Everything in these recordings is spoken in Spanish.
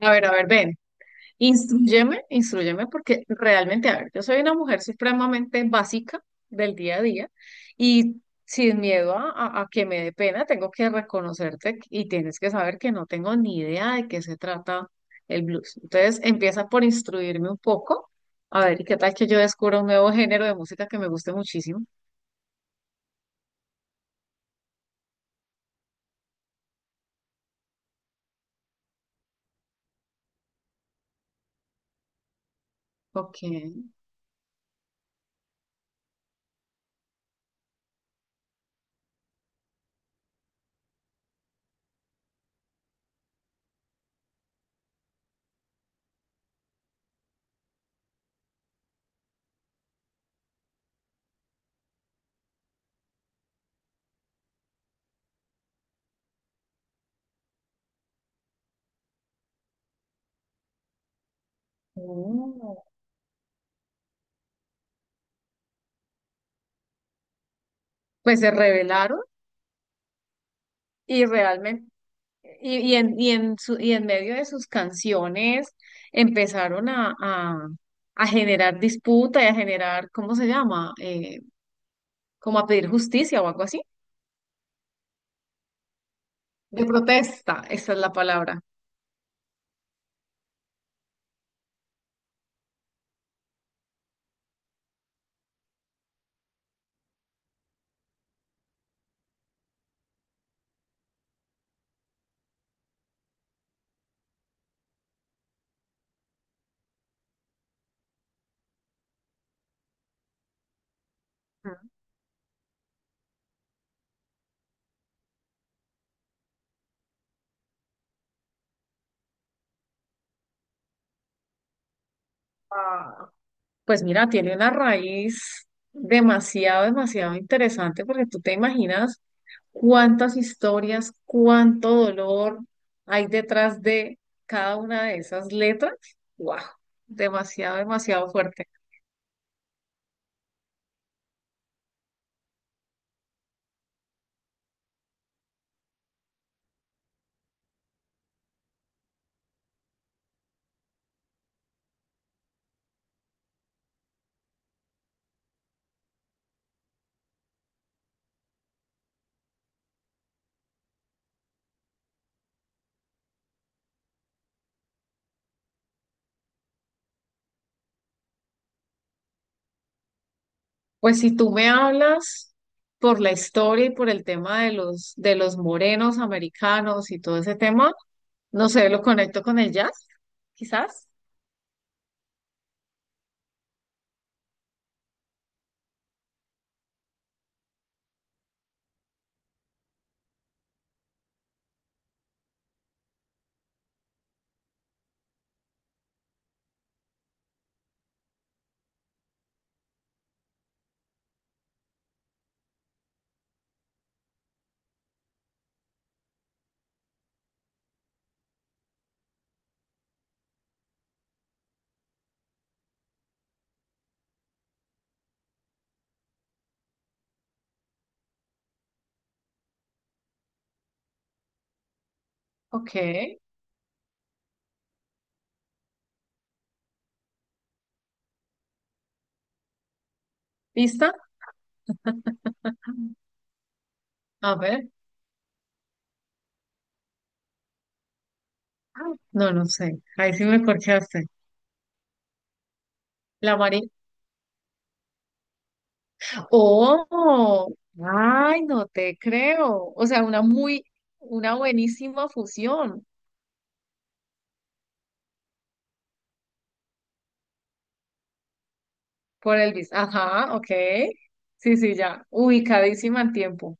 A ver, ven, instruyeme, instruyeme, porque realmente, a ver, yo soy una mujer supremamente básica del día a día y sin miedo a que me dé pena, tengo que reconocerte y tienes que saber que no tengo ni idea de qué se trata el blues. Entonces, empieza por instruirme un poco, a ver, y qué tal que yo descubra un nuevo género de música que me guste muchísimo. Ok. Oh. Pues se revelaron y realmente Y en medio de sus canciones empezaron a generar disputa y a generar, ¿cómo se llama? Como a pedir justicia o algo así. De protesta, esa es la palabra. Ah, Pues mira, tiene una raíz demasiado, demasiado interesante porque tú te imaginas cuántas historias, cuánto dolor hay detrás de cada una de esas letras. ¡Wow! Demasiado, demasiado fuerte. Pues si tú me hablas por la historia y por el tema de los morenos americanos y todo ese tema, no sé, lo conecto con el jazz, quizás. Ok, ¿lista? A ver. Ah, no, no sé. Ahí sí me corchaste. La María. ¡Oh! ¡Ay, no te creo! O sea, una muy, una buenísima fusión por Elvis. Ajá, ok. Sí, sí, ya. Ubicadísima en tiempo.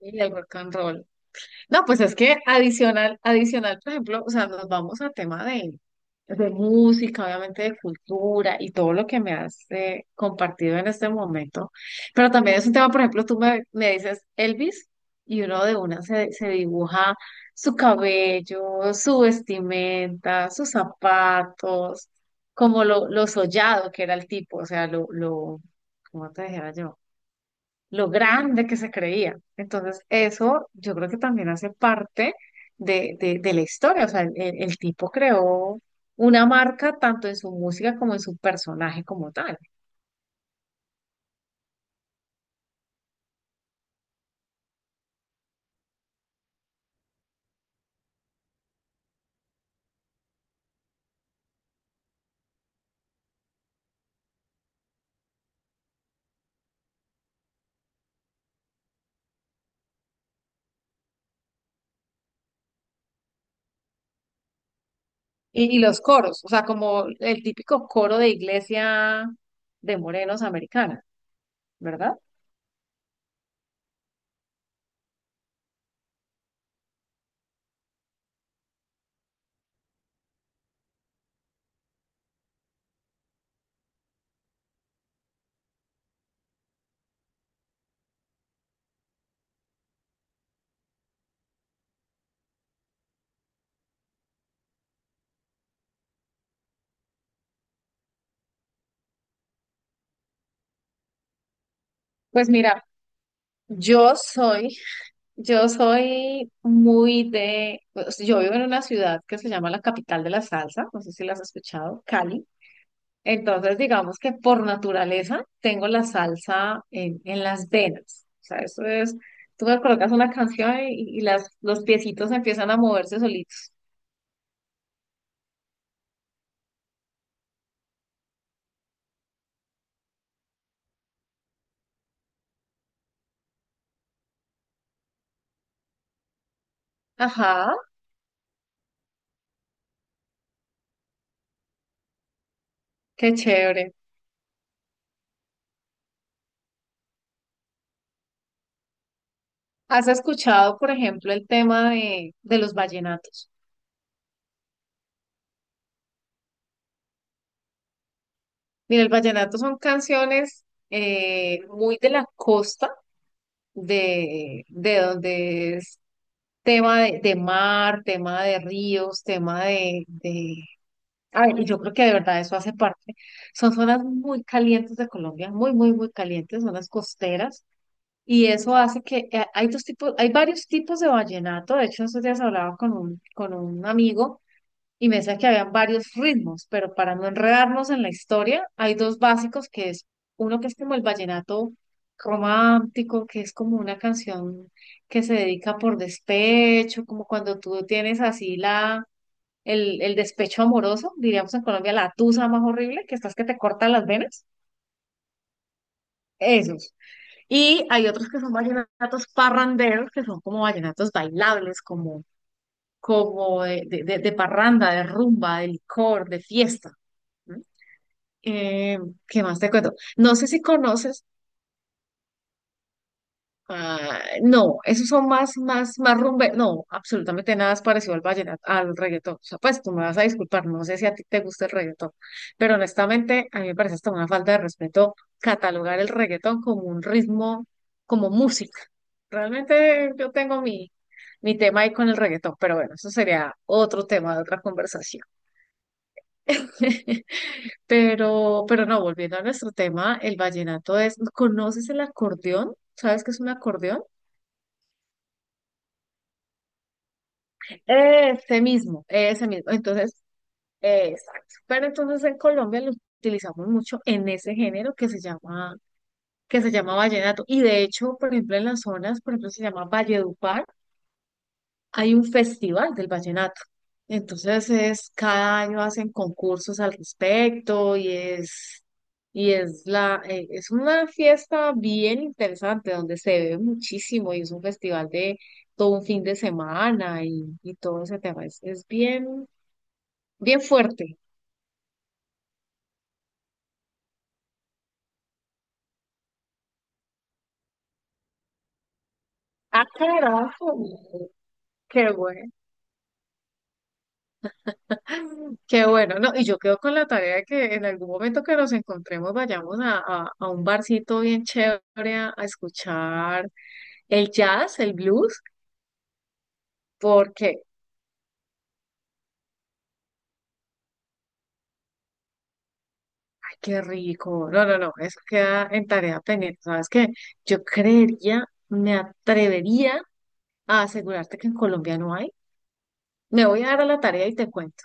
Y el rock and roll. No, pues es que adicional, adicional, por ejemplo, o sea, nos vamos a tema de música, obviamente de cultura y todo lo que me has compartido en este momento. Pero también es un tema, por ejemplo, tú me dices Elvis y uno de una se dibuja su cabello, su vestimenta, sus zapatos, como lo sollado que era el tipo, o sea, lo, ¿cómo te dijera yo? Lo grande que se creía. Entonces, eso yo creo que también hace parte de la historia. O sea, el tipo creó una marca tanto en su música como en su personaje como tal. Y los coros, o sea, como el típico coro de iglesia de morenos americana, ¿verdad? Pues mira, yo soy, yo soy muy de, o sea, yo vivo en una ciudad que se llama la capital de la salsa, no sé si la has escuchado, Cali. Entonces, digamos que por naturaleza tengo la salsa en las venas. O sea, eso es, tú me colocas una canción y las, los piecitos empiezan a moverse solitos. Ajá, qué chévere. ¿Has escuchado, por ejemplo, el tema de los vallenatos? Mira, el vallenato son canciones muy de la costa, de donde es tema de mar, tema de ríos, tema de. A ver, y yo creo que de verdad eso hace parte. Son zonas muy calientes de Colombia, muy, muy, muy calientes, zonas costeras. Y eso hace que hay dos tipos, hay varios tipos de vallenato. De hecho, esos días hablaba con un amigo y me decía que habían varios ritmos, pero para no enredarnos en la historia, hay dos básicos que es uno que es como el vallenato romántico, que es como una canción que se dedica por despecho, como cuando tú tienes así la el despecho amoroso, diríamos en Colombia, la tusa más horrible, que estás que te cortan las venas, esos. Y hay otros que son vallenatos parranderos, que son como vallenatos bailables, como, como de parranda, de rumba, de licor, de fiesta, ¿no? Eh, ¿Qué más te cuento? No sé si conoces. Ah, no, esos son más, más, más rumbe. No, absolutamente nada es parecido al vallenato, al reggaetón. O sea, pues tú me vas a disculpar, no sé si a ti te gusta el reggaetón, pero honestamente a mí me parece hasta una falta de respeto catalogar el reggaetón como un ritmo, como música. Realmente yo tengo mi, mi tema ahí con el reggaetón, pero bueno, eso sería otro tema de otra conversación. Pero no, volviendo a nuestro tema, el vallenato es, ¿conoces el acordeón? ¿Sabes qué es un acordeón? Ese mismo, ese mismo. Entonces, exacto. Pero entonces en Colombia lo utilizamos mucho en ese género que se llama vallenato. Y de hecho, por ejemplo, en las zonas, por ejemplo, se llama Valledupar, hay un festival del vallenato. Entonces es, cada año hacen concursos al respecto y es la, es una fiesta bien interesante donde se ve muchísimo y es un festival de todo un fin de semana y todo ese tema. Es bien. Bien fuerte. Ah, carajo. Qué bueno. Qué bueno, ¿no? Y yo quedo con la tarea de que en algún momento que nos encontremos vayamos a un barcito bien chévere a escuchar el jazz, el blues, porque, ay, qué rico. No, no, no, eso queda en tarea pendiente. ¿Sabes qué? Yo creería, me atrevería a asegurarte que en Colombia no hay. Me voy a dar a la tarea y te cuento.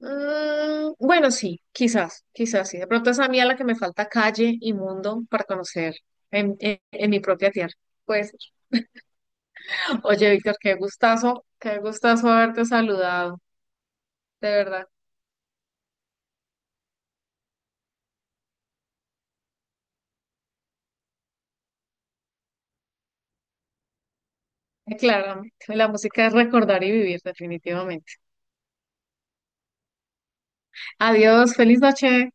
Mm, bueno, sí, quizás, quizás sí. De pronto es a mí a la que me falta calle y mundo para conocer en mi propia tierra. Pues, oye, Víctor, qué gustazo haberte saludado, de verdad. Claramente, la música es recordar y vivir, definitivamente. Adiós, feliz noche.